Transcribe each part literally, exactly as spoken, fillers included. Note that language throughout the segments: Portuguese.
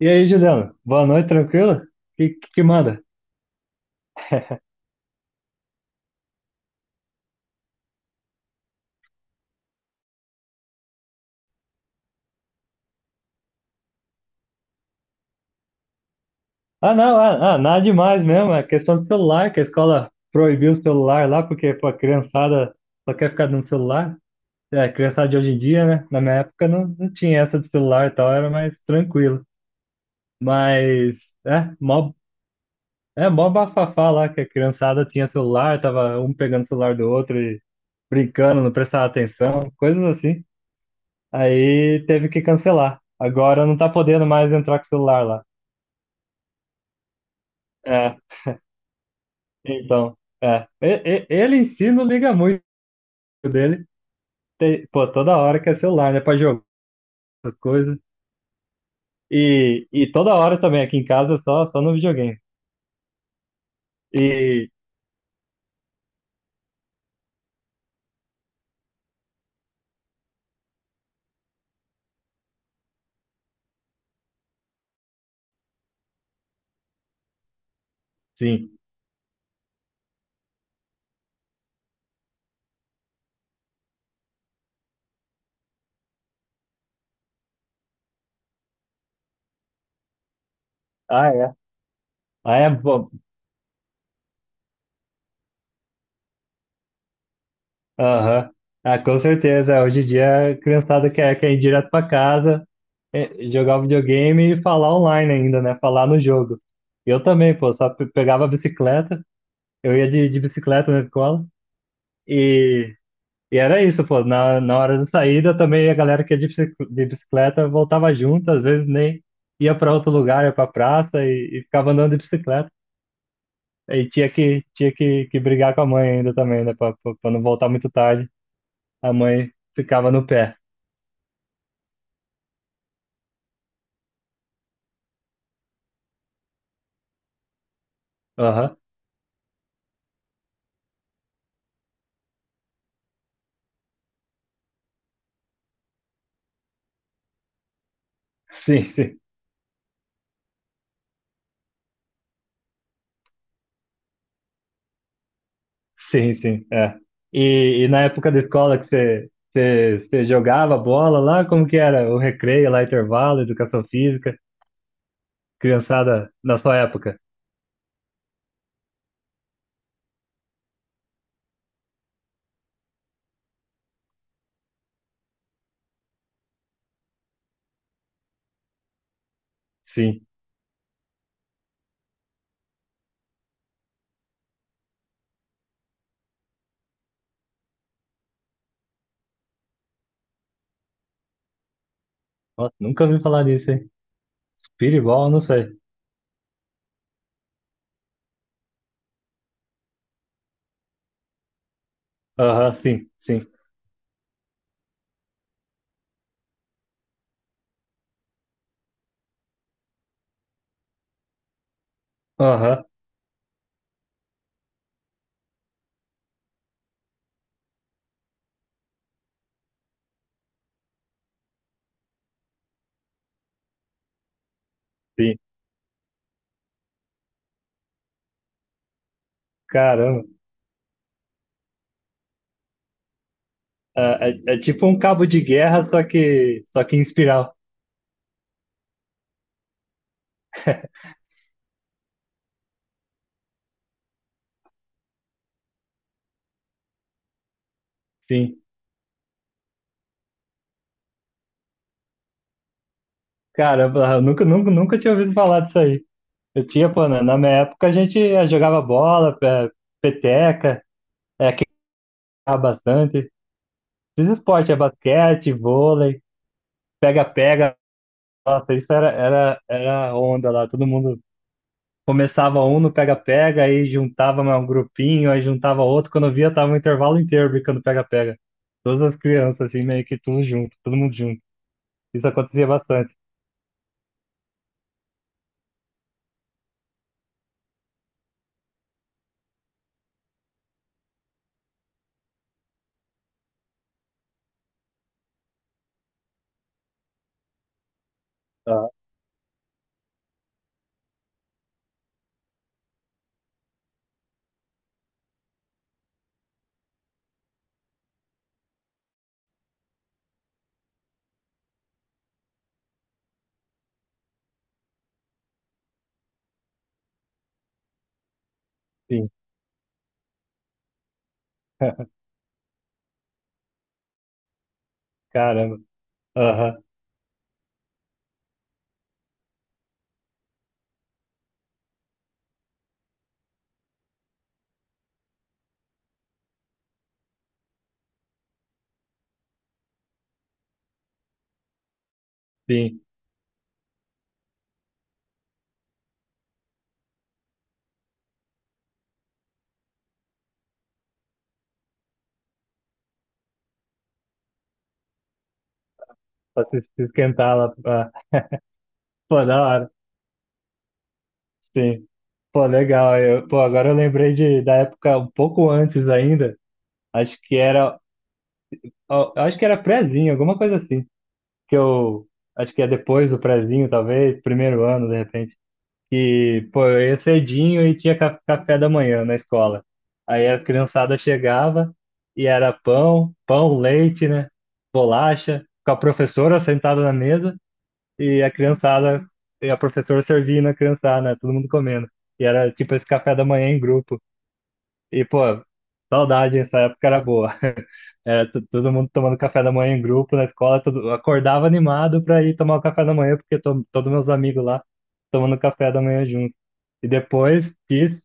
E aí, Juliano? Boa noite, tranquilo? Que, que, que manda? Ah, não, ah, ah, nada demais mesmo. É questão do celular, que a escola proibiu o celular lá, porque pô, a criançada só quer ficar no celular. É, a criançada de hoje em dia, né? Na minha época não, não tinha essa de celular e tal, era mais tranquilo. Mas, é, mó, é, mó bafafá lá, que a criançada tinha celular, tava um pegando o celular do outro e brincando, não prestava atenção, coisas assim. Aí teve que cancelar. Agora não tá podendo mais entrar com o celular lá. É, então, é. E- e- Ele em si não liga muito dele. Tem- pô, toda hora que é celular, né? Pra jogar essas coisas. E, e toda hora também aqui em casa, só, só no videogame. E sim. Ah, é. Ah, é bom. Aham. Ah, com certeza. Hoje em dia a criançada quer, quer ir direto pra casa, é, jogar o videogame e falar online ainda, né? Falar no jogo. Eu também, pô, só pe- pegava a bicicleta. Eu ia de, de bicicleta na escola. E era isso, pô. Na, na hora da saída também a galera que ia de bicic- de bicicleta voltava junto, às vezes nem ia para outro lugar, ia para praça e, e ficava andando de bicicleta. E tinha que, tinha que, que brigar com a mãe ainda também, né? Para não voltar muito tarde. A mãe ficava no pé. Aham. Sim, sim. Sim, sim. É. E, e na época da escola que você, você, você jogava bola lá, como que era? O recreio lá, intervalo, educação física, criançada na sua época? Sim. Nossa, nunca ouvi falar disso, hein? Speedball, não sei. Aham, sim, sim. Aham, sim. Caramba. É, é- é tipo um cabo de guerra, só que, só que em espiral. Sim. Caramba, eu nunca, nunca, nunca tinha ouvido falar disso aí. Eu tinha, pô, na, na minha época a gente eh, jogava bola, eh, peteca, é, queimava bastante. Esses esportes, é basquete, vôlei, pega-pega. Nossa, isso era, era, era onda lá, todo mundo. Começava um no pega-pega, aí juntava mais um grupinho, aí juntava outro. Quando eu via, tava um intervalo inteiro brincando pega-pega. Todas as crianças, assim, meio que tudo junto, todo mundo junto. Isso acontecia bastante. Ah, sim. Caramba. Aham, sim. Pra se se esquentar lá. Ah, pô, da hora. Sim. Pô, legal. Eu, pô, agora eu lembrei de, da época um pouco antes ainda. Acho que era. Ó, eu acho que era prézinho, alguma coisa assim. Que eu. Acho que é depois do prézinho, talvez. Primeiro ano, de repente. Que, pô, eu ia cedinho e tinha ca- café da manhã na escola. Aí a criançada chegava e era pão, pão, leite, né? Bolacha, com a professora sentada na mesa e a criançada, e a professora servindo a criançada, né? Todo mundo comendo. E era tipo esse café da manhã em grupo. E, pô, saudade, essa época era boa. Era to- todo mundo tomando café da manhã em grupo na escola, todo, acordava animado para ir tomar o café da manhã, porque to, todos meus amigos lá tomando café da manhã junto. E depois disso,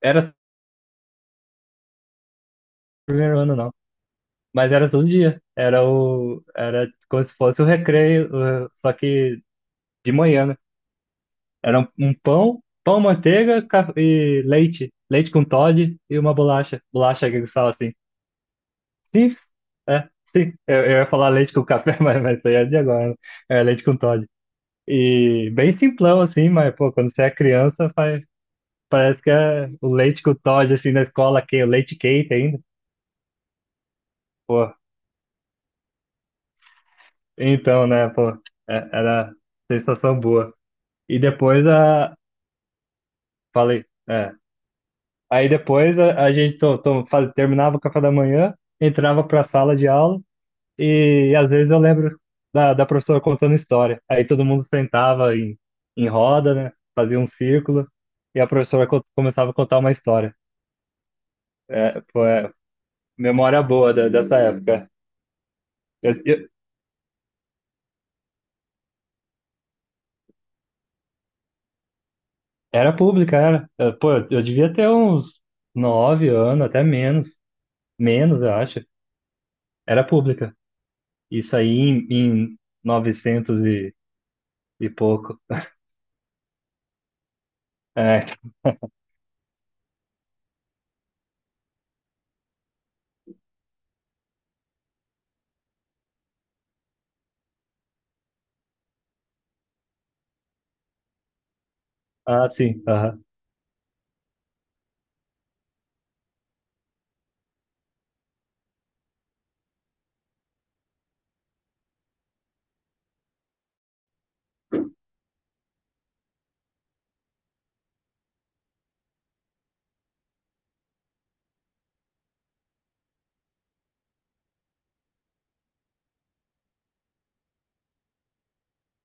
era o primeiro ano não, mas era todo dia. Era o, era como se fosse o recreio, eh, só que de manhã, né? Era um, um pão, pão, manteiga ca- e leite, leite com Toddy e uma bolacha, bolacha que eles falam assim. Sim, é, sim. Eu, eu ia falar leite com café, mas, mas isso aí é de agora, né? É leite com Toddy. E bem simplão, assim, mas, pô, quando você é criança, faz, parece que é o leite com Todd, assim, na escola, que o leite quente ainda. Pô, então, né, pô, é- era sensação boa. E depois a. Falei, é. Aí depois a, a gente to, to, faz, terminava o café da manhã, entrava para a sala de aula, e, às vezes eu lembro da, da professora contando história. Aí todo mundo sentava em, em roda, né, fazia um círculo, e a professora co- começava a contar uma história. É, pô, é, memória boa da- dessa época. Eu- eu- Era pública, era. Eu- pô, eu devia ter uns nove anos, até menos. Menos, eu acho. Era pública. Isso aí em, em novecentos e, e pouco. É. Ah, sim. Aham,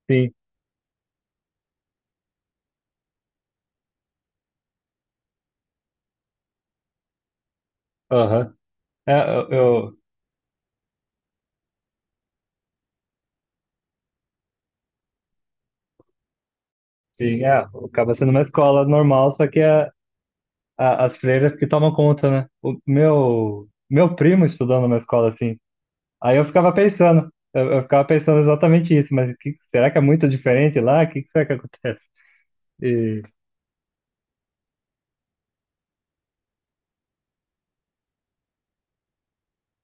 sim. Aham. É, eu, eu- sim, é. Acaba sendo uma escola normal, só que é, a- as freiras que tomam conta, né? O meu, meu primo estudou numa escola assim. Aí eu ficava pensando, eu, eu ficava pensando exatamente isso, mas que- será que é muito diferente lá? O que, que será que acontece? E,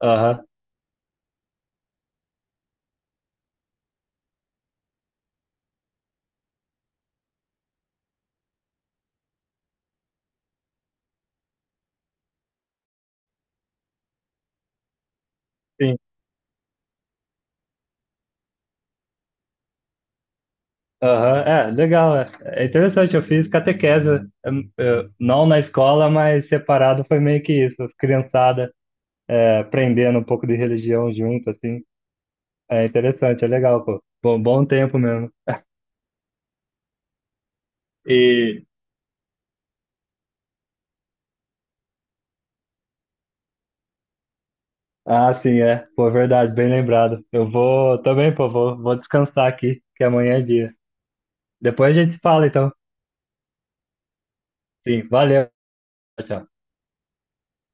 aham, sim, aham, é, legal, é, é interessante, eu fiz catequese, em- eh, não na escola, mas separado foi meio que isso, as criançadas eh, aprendendo um pouco de religião junto, assim, é interessante, é legal, pô, bom, bom tempo mesmo. E, ah, sim, é, pô, verdade, bem lembrado, eu vou também, pô, vou, vou descansar aqui, que amanhã é dia. Depois a gente se fala, então, sim, valeu. Tchau tchau.